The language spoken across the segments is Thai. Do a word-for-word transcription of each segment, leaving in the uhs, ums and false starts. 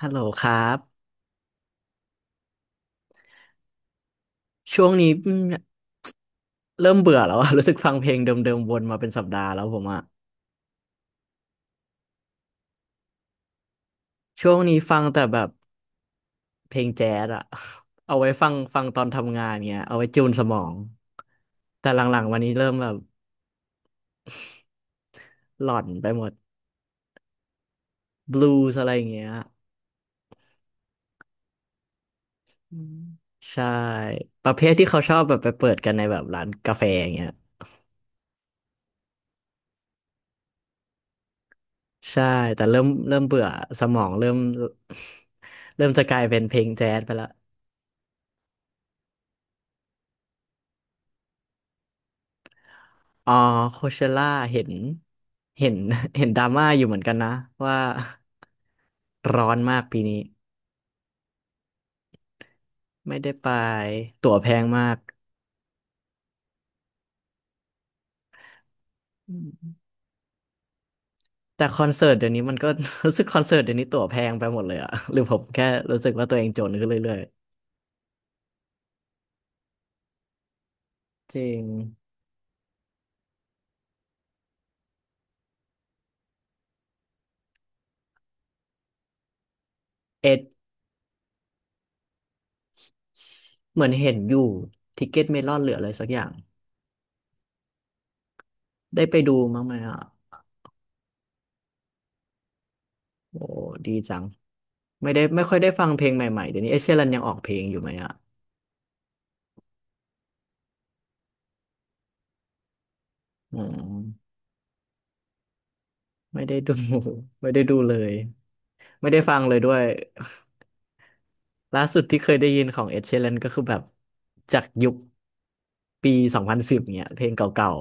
ฮัลโหลครับช่วงนี้อืมเริ่มเบื่อแล้วอะ รู้สึกฟังเพลงเดิมๆวนมาเป็นสัปดาห์แล้วผมอะช่วงนี้ฟังแต่แบบเพลงแจ๊สอะ เอาไว้ฟังฟังตอนทำงานเงี้ยเอาไว้จูนสมองแต่หลังๆวันนี้เริ่มแบบหลอนไปหมดบลูส์อะไรอย่างเงี้ยใช่ประเภทที่เขาชอบแบบไปเปิดกันในแบบร้านกาแฟอย่างเงี้ยใช่แต่เริ่มเริ่มเบื่อสมองเริ่ม เริ่มจะกลายเป็นเพลงแจ๊สไปละ อ๋อโคเชล่าเห็นเห็น เห็นดราม่าอยู่เหมือนกันนะว่า ร้อนมากปีนี้ไม่ได้ไปตั๋วแพงมากอืมแต่คอนเสิร์ตเดี๋ยวนี้มันก็ รู้สึกคอนเสิร์ตเดี๋ยวนี้ตั๋วแพงไปหมดเลยอะ หรือผมแค่รู้สึกว่าตัวเองจนขึ้นเรื่อยๆจริงเอ็ดเหมือนเห็นอยู่ทิกเก็ตเมลอนเหลืออะไรสักอย่างได้ไปดูมั้งไหมอ่ะโอ้ดีจังไม่ได้ไม่ค่อยได้ฟังเพลงใหม่ๆเดี๋ยวนี้เอดเชีรันยังออกเพลงอยู่ไหมอ่ะอืมไม่ได้ดู ไม่ได้ดูเลย ไม่ได้ฟังเลยด้วยล่าสุดที่เคยได้ยินของเอ็ดเช e รนก็คือแบบจากยุคปีสองพันสิบเนี่ยเพลงเก่า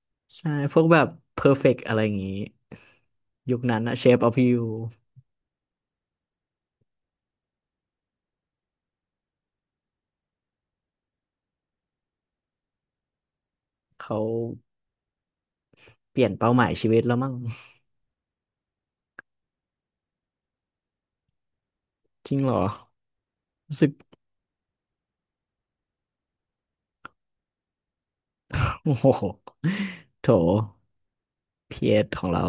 ๆ ใช่พวกแบบ Perfect อะไรอย่างงี้ยุคนั้นนะ Shape of You เขาเปลี่ยนเป้าหมายชีวิตแล้วมั้ง จริงเหรอรู้สึกโอ้โหโถพีเอสของเรา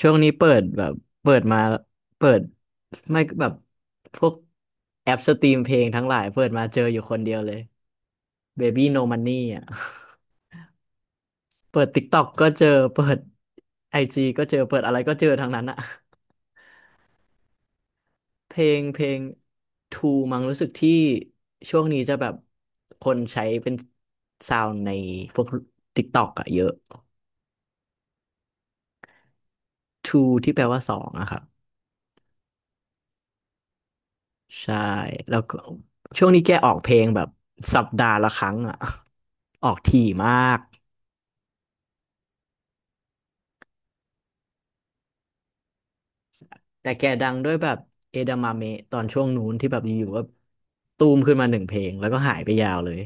ช่วงนี้เปิดแบบเปิดมาเปิดไม่ก็แบบพวกแอปสตรีมเพลงทั้งหลายเปิดมาเจออยู่คนเดียวเลย Baby No Money อ่ะ เปิด TikTok ก็เจอเปิด ไอ จี ก็เจอเปิดอะไรก็เจอทั้งนั้นอะ เพลงเพลง Two มั้งรู้สึกที่ช่วงนี้จะแบบคนใช้เป็นซาวด์ในพวก TikTok อะเยอะ Two ที่แปลว่าสองอะครับใช่แล้วก็ช่วงนี้แกออกเพลงแบบสัปดาห์ละครั้งอะ ออกถี่มากแต่แกดังด้วยแบบเอดาม m เมะตอนช่วงนู้นที่แบบอยู่ๆก็ตูมขึ้นมาหนึ่งเพลงแล้วก็หายไปยาวเลย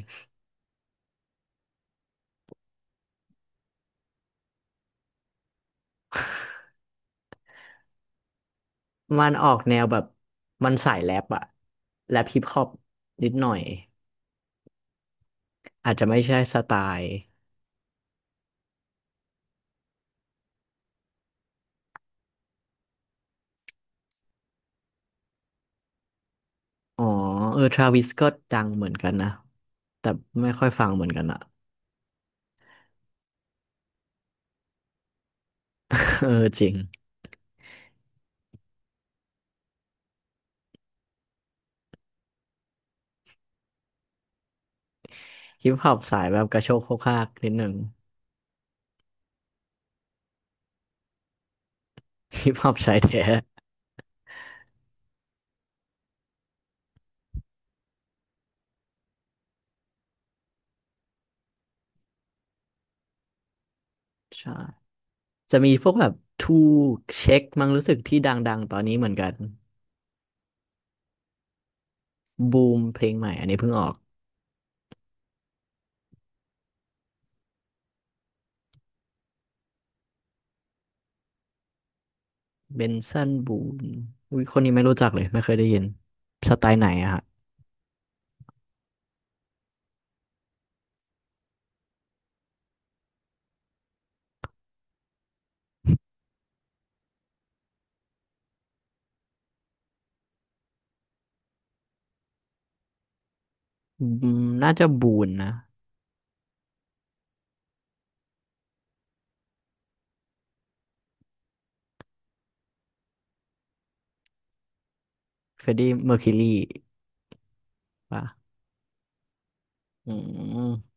มันออกแนวแบบมันสายแรปอะแรปฮิปฮอปนิดหน่อยอาจจะไม่ใช่สไตล์อ๋อเออทราวิสก็ดังเหมือนกันนะแต่ไม่ค่อยฟังเหมือนกันอะ เออจริงฮิปฮอปสายแบบกระโชกโคกฮากนิดหนึ่งฮิปฮอปชายแท้ใช่จะมีพวกแบบทูเช็คมั้งรู้สึกที่ดังๆตอนนี้เหมือนกันบูมเพลงใหม่อันนี้เพิ่งออกเบนซันบูมอุ้ยคนนี้ไม่รู้จักเลยไม่เคยได้ยินสไตล์ไหนอะฮะ อืมน่าจะบูนนะเฟรดดี้เมอร์คิวรีป่ะอืม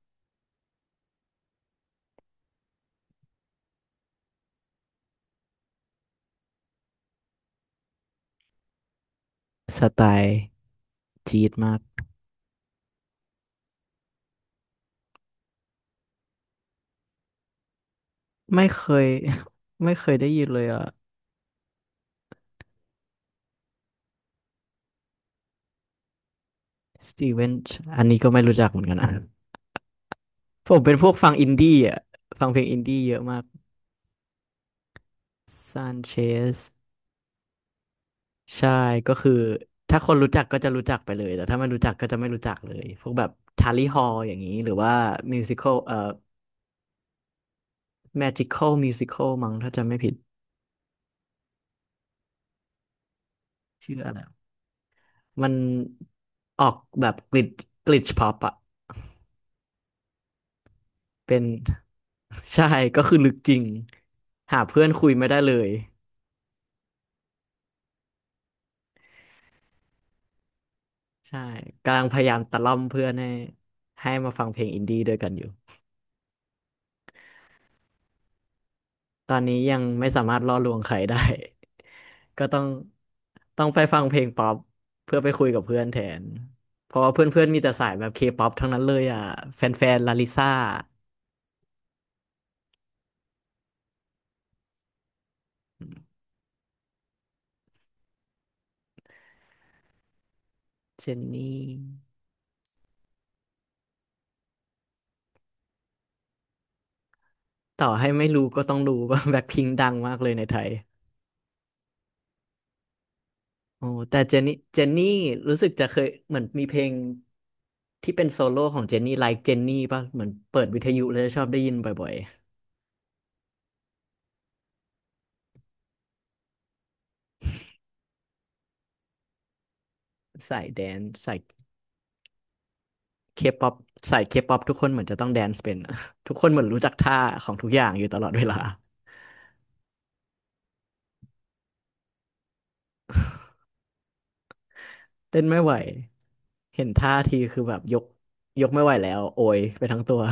สไตล์จี๊ดมากไม่เคย ไม่เคยได้ยินเลยอ่ะสตีเวนอันนี้ก็ไม่รู้จักเหมือนกันนะ ผมเป็นพวกฟังอินดี้อ่ะฟังเพลงอินดี้เยอะมากซานเชสใช่ก็คือถ้าคนรู้จักก็จะรู้จักไปเลยแต่ถ้าไม่รู้จักก็จะไม่รู้จักเลยพวกแบบทาลีฮอลอย่างนี้หรือว่ามิวสิค l ลเอ่อแมจิคอลมิวสิคอลมั้งถ้าจำไม่ผิดชื่ออะไร มันออกแบบกลิดกลิชพ็อปอะเป็น ใช่ก็คือลึกจริงหาเพื่อนคุยไม่ได้เลยใช่กำลังพยายามตะล่อมเพื่อนให้ให้มาฟังเพลงอินดี้ด้วยกันอยู่ตอนนี้ยังไม่สามารถล่อลวงใครได้ ก็ต้องต้องไปฟังเพลงป๊อปเพื่อไปคุยกับเพื่อนแทนเพราะว่าเพื่อนๆมีแต่สายแบบเคป๊อปทั้งนั้นเลยอ่ะแฟนๆลาลิซ่าเจนนี่ต่อให้ไม่รู้ก็ต้องรู้ว่า แบ็คพิงดังมากเลยในไทย โอ้แต่เจนนี่เจนนี่รู้สึกจะเคยเหมือนมีเพลงที่เป็นโซโล่ของเจนนี่ like เจนนี่ป่ะเหมือนเปิดวิทยุแล้วชอบได้ยินบ่อยๆสายแดนสายเคป๊อปสายเคป๊อปทุกคนเหมือนจะต้องแดนซ์เป็นอะ ทุกคนเหมือนรู้จักท่าของทุกอย่างอยู่ตลอดเวลา เต้นไม่ไหวเห็นท่าทีคือแบบยกยกไม่ไหวแล้วโอยไปทั้งตัว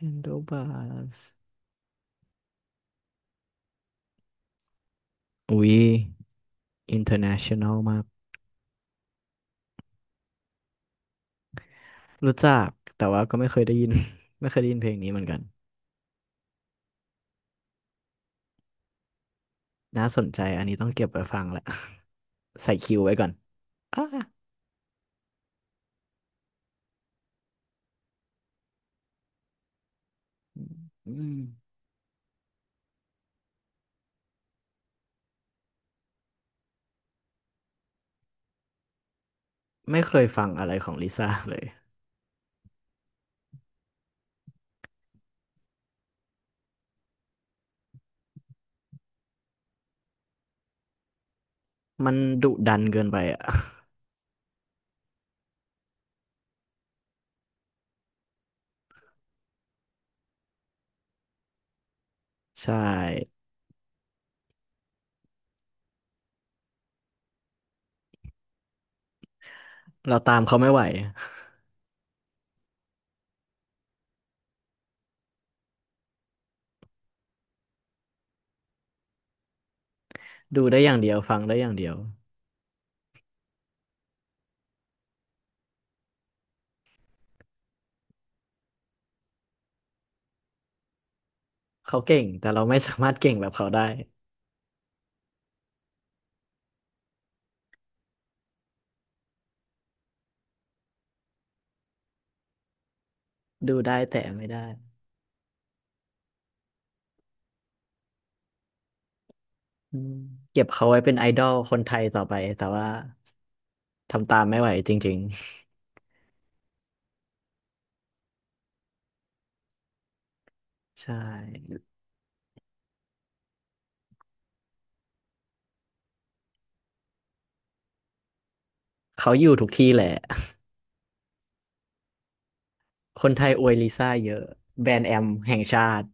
Handlebars อุ้ย international มากรู้จักแต่ว่าก็ไม่เคยได้ยิน ไม่เคยได้ยินเพลงนี้เหมือนกัน น่าสนใจอันนี้ต้องเก็บไว้ฟังแหละ ใส่คิวไว้ก่อนอ่าอืมไม่เคยฟังอะไรของลิซ่าเลยมันดุดันเกินไปอ่ะ ใช่เราตามเขาไม่ไหว ดูได้อย่างเดียวฟังได้อย่างเดียวเขาเก่งแต่เราไม่สามารถเก่งแบบเขาได้ดูได้แต่ไม่ได้อืมเก็บเขาไว้เป็นไอดอลคนไทยต่อไปแต่ว่าทำตามไม่ไหวจริงๆใช่เขาอยู่ทุกที่แหละคนไทยอวยลิซ่าเยอะแบรนด์แอมแห่งชาติ